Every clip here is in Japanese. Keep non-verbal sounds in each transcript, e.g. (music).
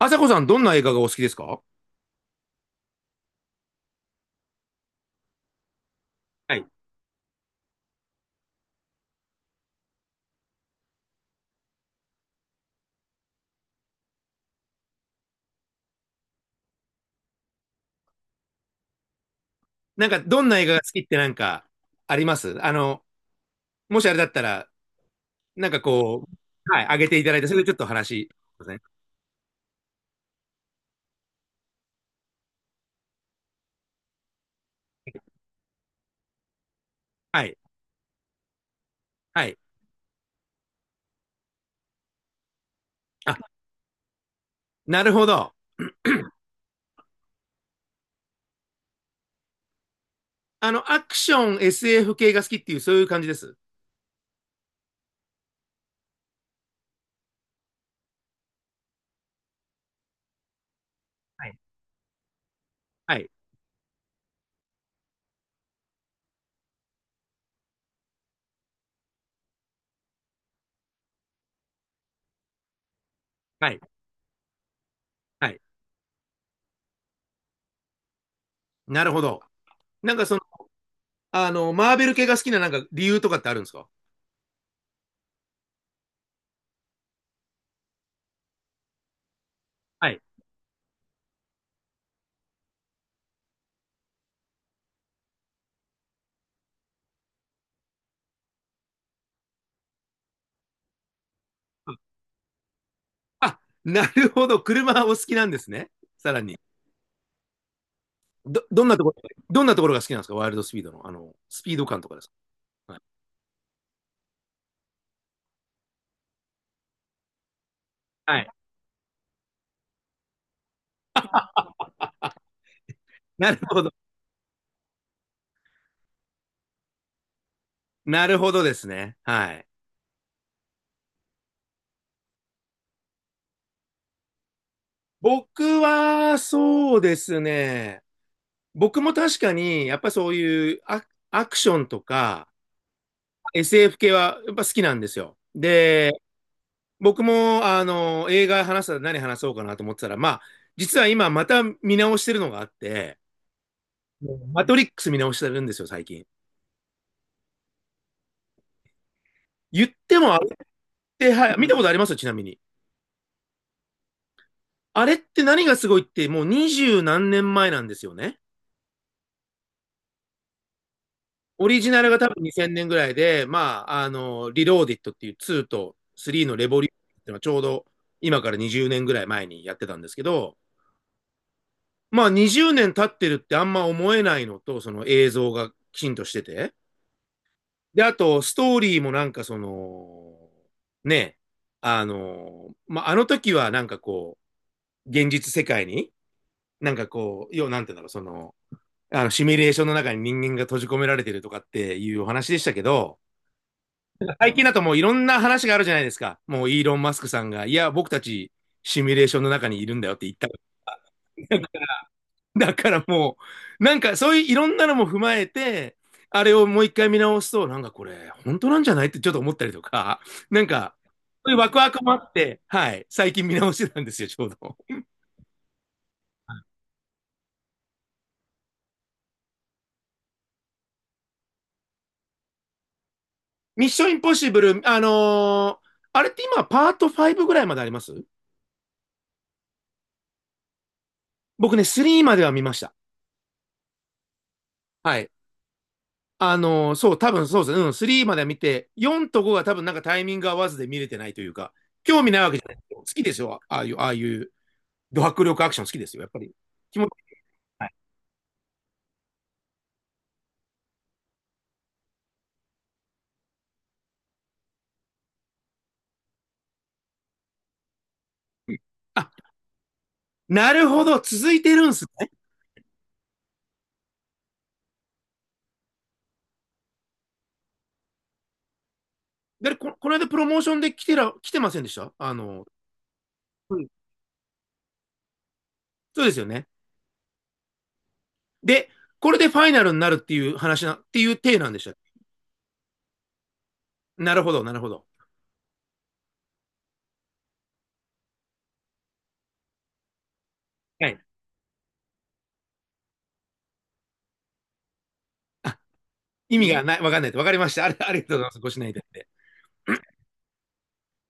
あさこさん、どんな映画がお好きですか？はい。どんな映画が好きってありますもしあれだったら、はい、上げていただいて、それでちょっと話、そうですね。はい、はい。あ、なるほど。アクション、SF 系が好きっていう、そういう感じです。はい、はい、はい、はい。なるほど。なんかその、マーベル系が好きな理由とかってあるんですか？はい。あ、なるほど。車お好きなんですね。さらに。どんなところ、どんなところが好きなんですか？ワイルドスピードの、スピード感とかですか？はい。なるほど。なるほどですね。はい。僕は、そうですね。僕も確かに、やっぱそういうアクションとか、SF 系は、やっぱ好きなんですよ。で、僕も、映画話したら何話そうかなと思ってたら、まあ、実は今、また見直してるのがあって、うんマトリックス見直してるんですよ、最近。言っても、あれって、はい、見たことありますよ、ちなみに。あれって何がすごいって、もう二十何年前なんですよね。オリジナルが多分2000年ぐらいで、まあ、リローディットっていう2と3のレボリューションっていうのはちょうど今から20年ぐらい前にやってたんですけど、まあ20年経ってるってあんま思えないのと、その映像がきちんとしてて。で、あと、ストーリーもね、まあ、あの時は現実世界に、なんかこう、要はなんていうんだろう、その、あの、シミュレーションの中に人間が閉じ込められてるとかっていうお話でしたけど、最近だともういろんな話があるじゃないですか。もうイーロン・マスクさんが、いや、僕たちシミュレーションの中にいるんだよって言った。(laughs) だからもう、なんかそういういろんなのも踏まえて、あれをもう一回見直すと、これ、本当なんじゃないってちょっと思ったりとか、(laughs) なんか、そういうワクワクもあって、はい、最近見直してたんですよ、ちょうど。ミッション・インポッシブル、あれって今、パート5ぐらいまであります？僕ね、3までは見ました。はい。そう、多分そうですね。うん、3までは見て、4と5が多分なんかタイミング合わずで見れてないというか、興味ないわけじゃない。好きですよ。ああいう、ド迫力アクション好きですよ。やっぱり。気持ち、あ、なるほど。続いてるんすね。で、この間プロモーションで来てませんでした？あの、うん、そうですよね。で、これでファイナルになるっていう話な、っていう体なんでした。なるほど、なるほど。はい。意味がない、わかんないと。わかりました。ありがとうございます。ご指南いただいて。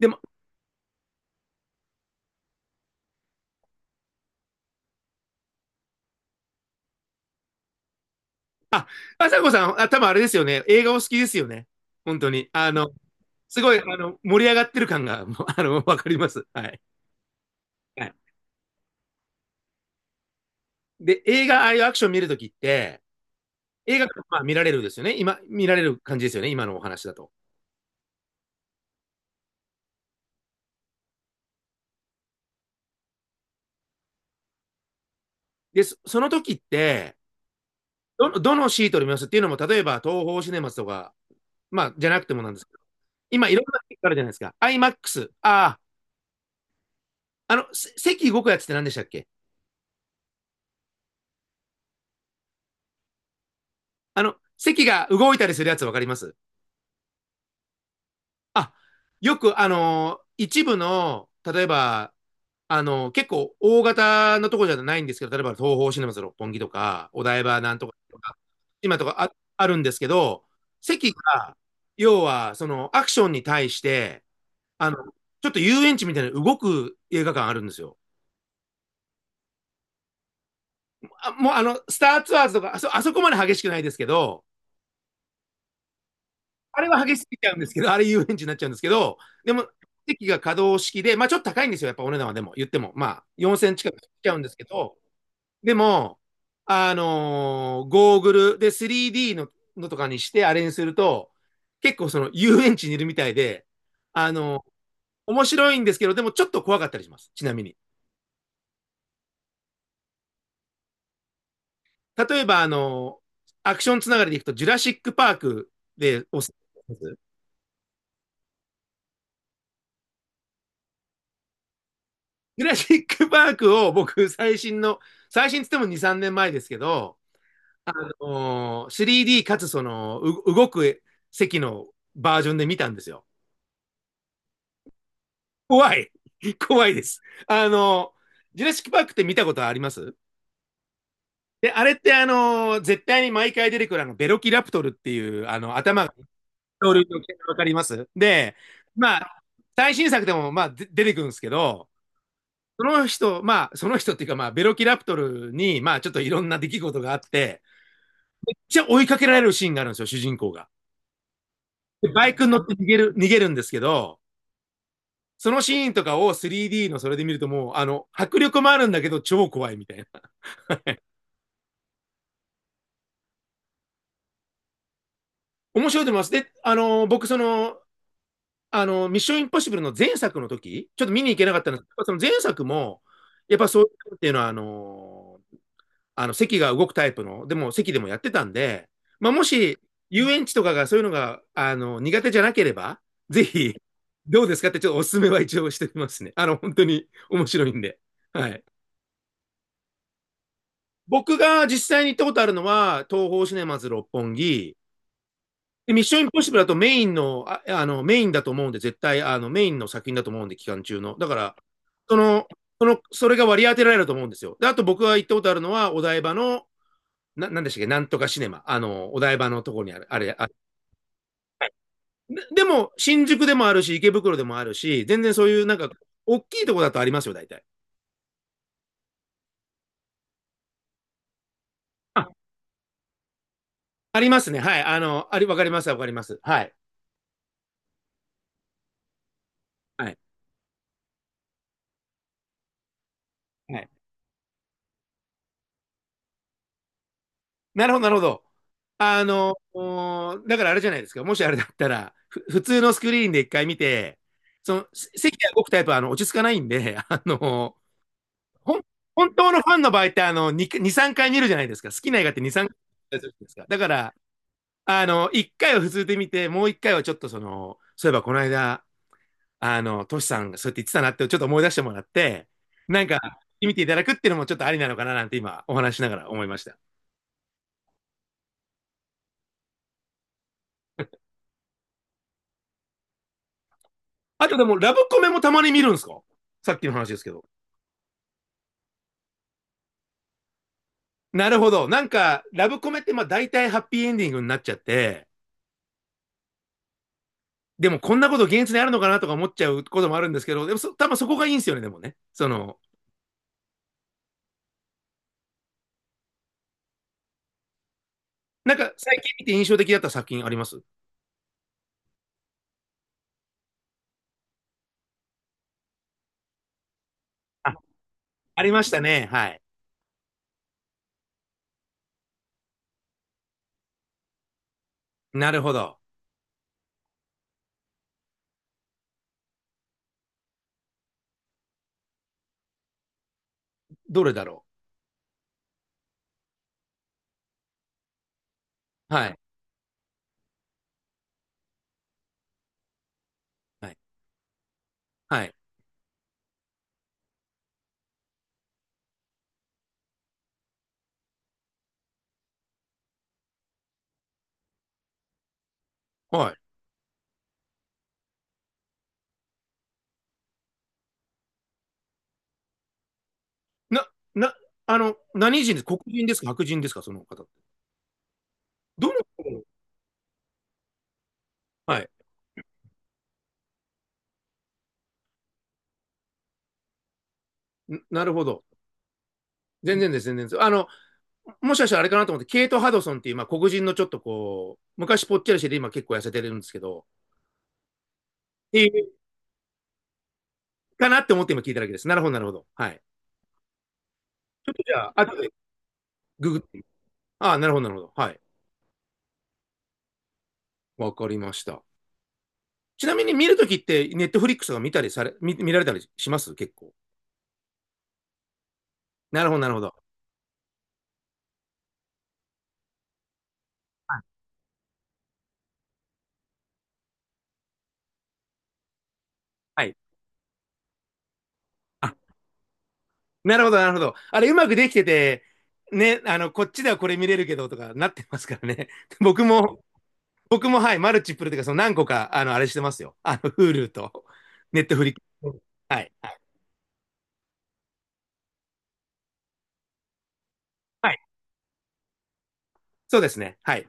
でも、ああさこさん、あ、多分あれですよね。映画お好きですよね。本当に。あの、すごい、あの、盛り上がってる感が、もうあの、わかります。はい。はい。で、映画、ああいうアクション見るときって、映画、まあ見られるですよね。今、見られる感じですよね。今のお話だと。で、その時って、どのシートで見ますっていうのも、例えば、東宝シネマズとか、まあ、じゃなくてもなんですけど、今、いろんな席があるじゃないですか。IMAX。あ、あ、席動くやつって何でしたっけ？あの、席が動いたりするやつわかります？あ、よく、一部の、例えば、結構大型のところじゃないんですけど、例えば東宝シネマズ六本木とか、お台場なんとかとか、今とかあるんですけど、席が、要は、その、アクションに対して、あの、ちょっと遊園地みたいな動く映画館あるんですよ。あ、もう、あの、スターツアーズとか、あそこまで激しくないですけど、あれは激しすぎちゃうんですけど、あれ遊園地になっちゃうんですけど、でも、席が可動式で、まあちょっと高いんですよ、やっぱお値段はでも、言っても、まあ4000近くしちゃうんですけど、でも、ゴーグルで 3D のとかにしてあれにすると、結構その遊園地にいるみたいで、あのー面白いんですけど、でもちょっと怖かったりします、ちなみに。例えば、アクションつながりでいくと、ジュラシック・パークです。ジュラシック・パークを僕、最新っつっても2、3年前ですけど、あのー 3D かつその、動く席のバージョンで見たんですよ。怖い、 (laughs) 怖いです。ジュラシック・パークって見たことあります？で、あれって絶対に毎回出てくるあの、ベロキラプトルっていう、あの、頭が、恐竜の毛わかります？で、まあ、最新作でも、まあ、で出てくるんですけど、その人、まあ、その人っていうか、まあ、ベロキラプトルに、まあ、ちょっといろんな出来事があって、じゃあ追いかけられるシーンがあるんですよ、主人公が。でバイクに乗って逃げるんですけど、そのシーンとかを 3D のそれで見るともう、あの、迫力もあるんだけど、超怖いみたいな。面白いと思います。で、あの、ミッションインポッシブルの前作の時、ちょっと見に行けなかったんですけど、その前作も、やっぱそういうのっていうのは、あの、あの、席が動くタイプの、でも席でもやってたんで、まあ、もし、遊園地とかがそういうのが、あの、苦手じゃなければ、ぜひ、どうですかってちょっとお勧めは一応してみますね。あの、本当に面白いんで。はい。僕が実際に行ったことあるのは、東宝シネマズ六本木、でミッションインポッシブルだとメインの、あの、メインだと思うんで、絶対、あの、メインの作品だと思うんで、期間中の。だから、その、それが割り当てられると思うんですよ。で、あと僕が行ったことあるのは、お台場のなんでしたっけ、なんとかシネマ。あの、お台場のとこにある、あれ、あ、でも、新宿でもあるし、池袋でもあるし、全然そういう、なんか、大きいとこだとありますよ、大体。あ、ありますね。はい。あの、あり、わかります、わかります。はい。はい。はい。なるほど、なるほど。あの、だからあれじゃないですか。もしあれだったら、普通のスクリーンで一回見て、席が動くタイプは、あの、落ち着かないんで、(laughs) あの、ほん、本当のファンの場合って、あの、2、2、3回見るじゃないですか。好きな映画って2、3回見るじゃないですか。だから、あの、一回は普通で見て、もう一回はちょっとその、そういえばこの間、あの、トシさんがそうやって言ってたなってちょっと思い出してもらって、なんか、見ていただくっていうのもちょっとありなのかななんて今お話しながら思いました。あとでも、ラブコメもたまに見るんですか？さっきの話ですけど。なるほど。なんか、ラブコメってまあ大体ハッピーエンディングになっちゃって、でもこんなこと現実にあるのかなとか思っちゃうこともあるんですけど、でもそ多分そこがいいんですよね、でもね。その、なんか最近見て印象的だった作品あります？あ、ありましたね。はい。なるほど。どれだろう？はい。はい。はい。はい。な、な、あの、何人です？黒人ですか？白人ですか？その方って。どの、はい。なるほど。全然です。あの、もしかしたらあれかなと思って、ケイト・ハドソンっていう、まあ、黒人のちょっとこう、昔ぽっちゃりしてて、今結構痩せてるんですけど、いいかなって思って今聞いただけです。なるほど、なるほど。はい。ちょっとじゃあ、後でググって。ああ、なるほど、なるほど。はい。わかりました。ちなみに見るときって、ネットフリックスが見られたりします？結構。なるほど、なるほど。はい。はい、あ、なるほど、なるほど。あれ、うまくできてて、ね、あの、こっちではこれ見れるけどとかなってますからね。(laughs) 僕も、僕も、はい、マルチプルというか、その何個か、あの、あれしてますよ。あの、Hulu と、Netflix。はい。はい。そうですね。はい。